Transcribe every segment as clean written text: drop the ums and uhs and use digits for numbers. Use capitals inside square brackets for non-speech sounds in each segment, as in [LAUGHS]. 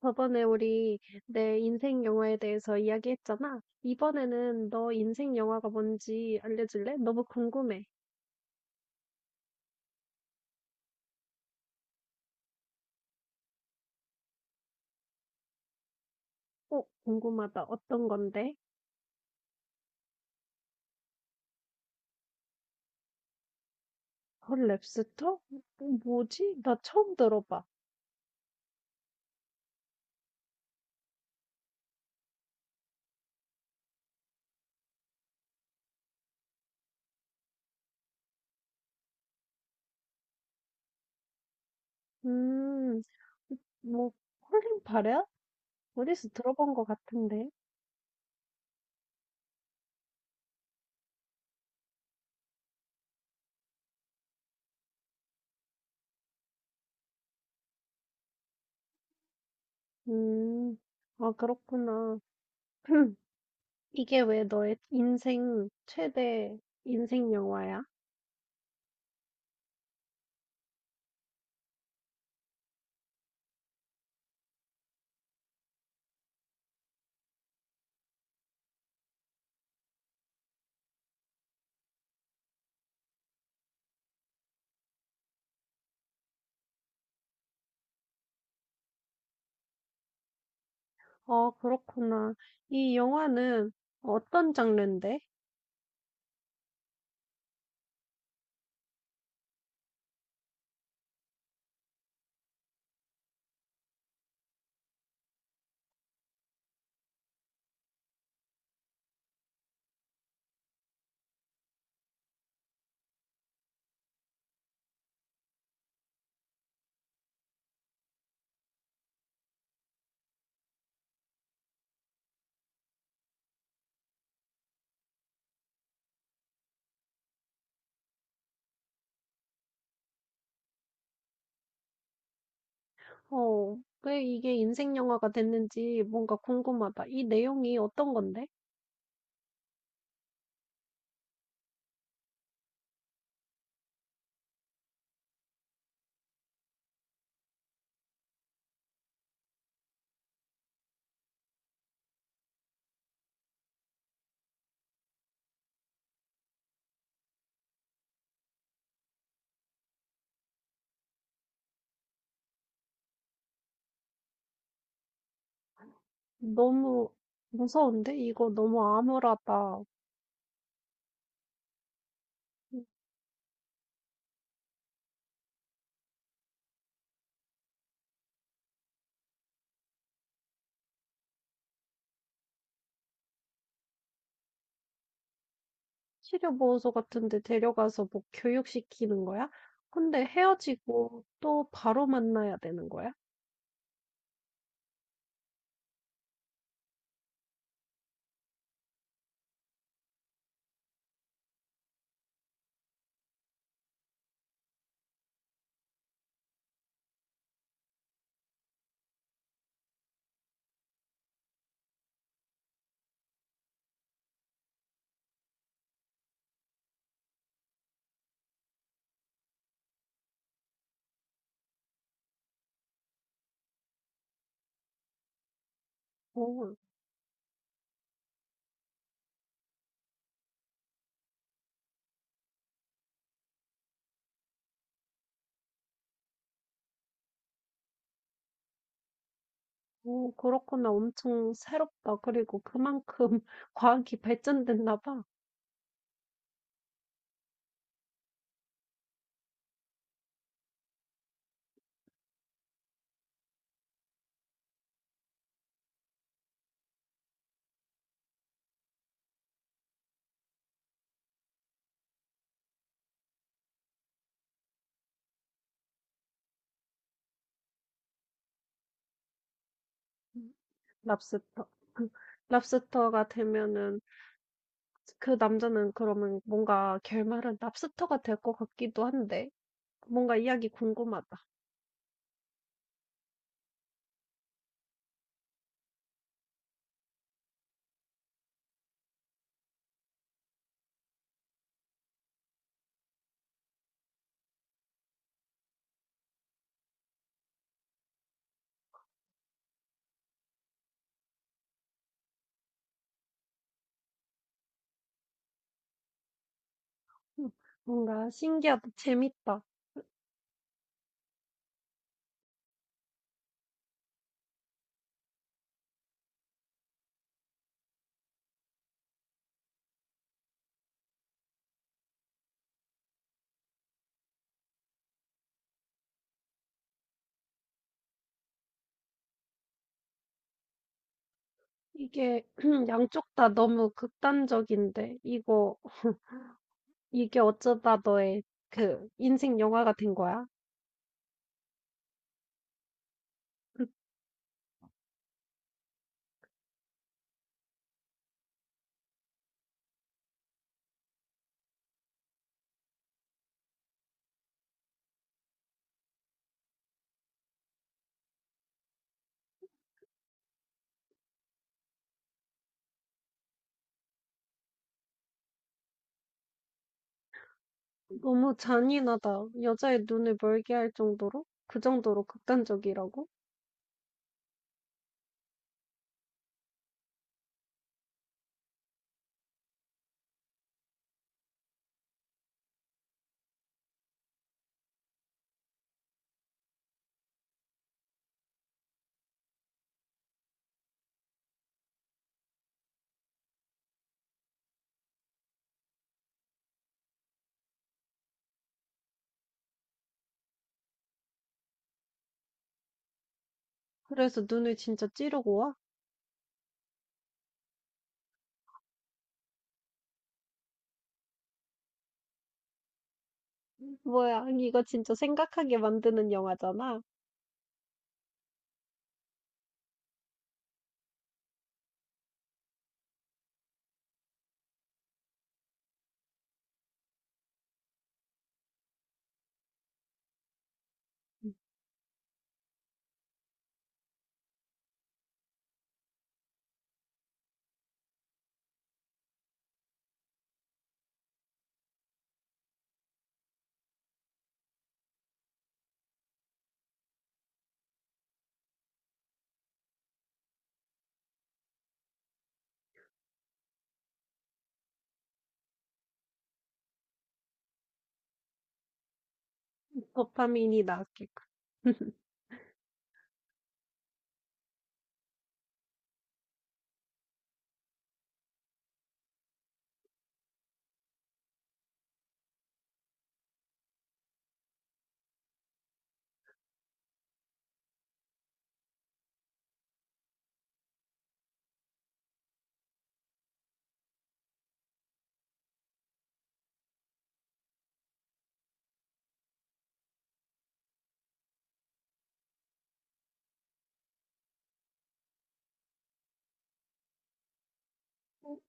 저번에 우리 내 인생 영화에 대해서 이야기했잖아. 이번에는 너 인생 영화가 뭔지 알려줄래? 너무 궁금해. 궁금하다. 어떤 건데? 헐, 랩스터? 뭐지? 나 처음 들어봐. 음, 뭐, 콜린 파레야? 어디서 들어본 것 같은데. 음, 그렇구나. [CLEARS THROAT] 이게 왜 너의 인생 최대 인생 영화야? 그렇구나. 이 영화는 어떤 장르인데? 어, 왜 이게 인생 영화가 됐는지 뭔가 궁금하다. 이 내용이 어떤 건데? 너무 무서운데? 이거 너무 암울하다. 치료보호소 같은 데 데려가서 뭐 교육시키는 거야? 근데 헤어지고 또 바로 만나야 되는 거야? 오, 오 그렇구나. 엄청 새롭다. 그리고 그만큼 [LAUGHS] 과학이 발전됐나 봐. 음, 랍스터. [LAUGHS] 랍스터가 되면은 그 남자는 그러면 뭔가 결말은 랍스터가 될 것 같기도 한데, 뭔가 이야기 궁금하다. 음, 뭔가 신기하다, 재밌다. 이게 [CLEARS THROAT] 양쪽 다 너무 극단적인데, 이거, 이게 어쩌다 너의 그 인생 영화가 된 거야? 음, 너무 잔인하다. 여자의 눈을 멀게 할 정도로? 그 정도로 극단적이라고? 그래서 눈을 진짜 찌르고 와? 뭐야, 아니, 이거 진짜 생각하게 만드는 영화잖아. 도파민이 나왔겠군. [LAUGHS]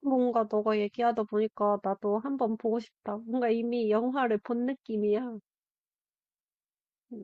뭔가 너가 얘기하다 보니까 나도 한번 보고 싶다. 뭔가 이미 영화를 본 느낌이야. 음,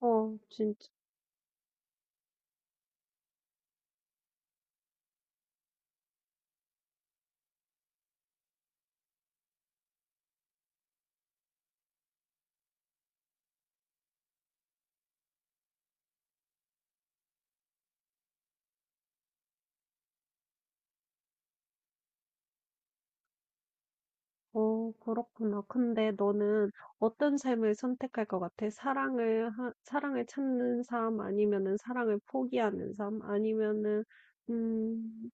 진짜. 어 그렇구나. 근데 너는 어떤 삶을 선택할 것 같아? 사랑을 하, 사랑을 찾는 삶 아니면은 사랑을 포기하는 삶 아니면은 음,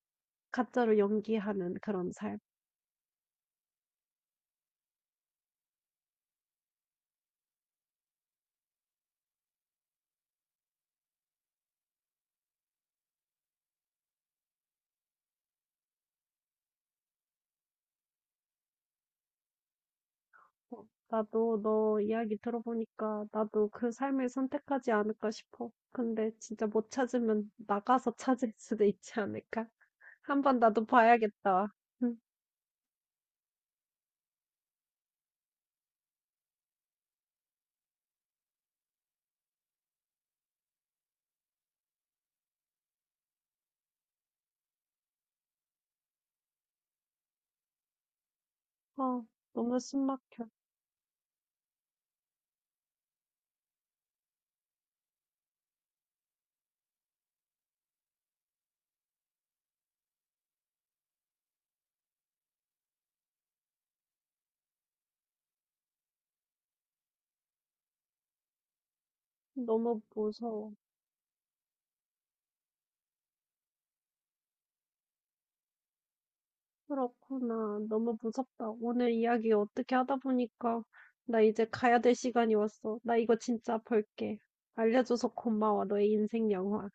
가짜로 연기하는 그런 삶? 어, 나도 너 이야기 들어보니까 나도 그 삶을 선택하지 않을까 싶어. 근데 진짜 못 찾으면 나가서 찾을 수도 있지 않을까? 한번 나도 봐야겠다. 응. 어, 너무 숨막혀. 너무 무서워. 그렇구나. 너무 무섭다. 오늘 이야기 어떻게 하다 보니까 나 이제 가야 될 시간이 왔어. 나 이거 진짜 벌게. 알려줘서 고마워. 너의 인생 영화.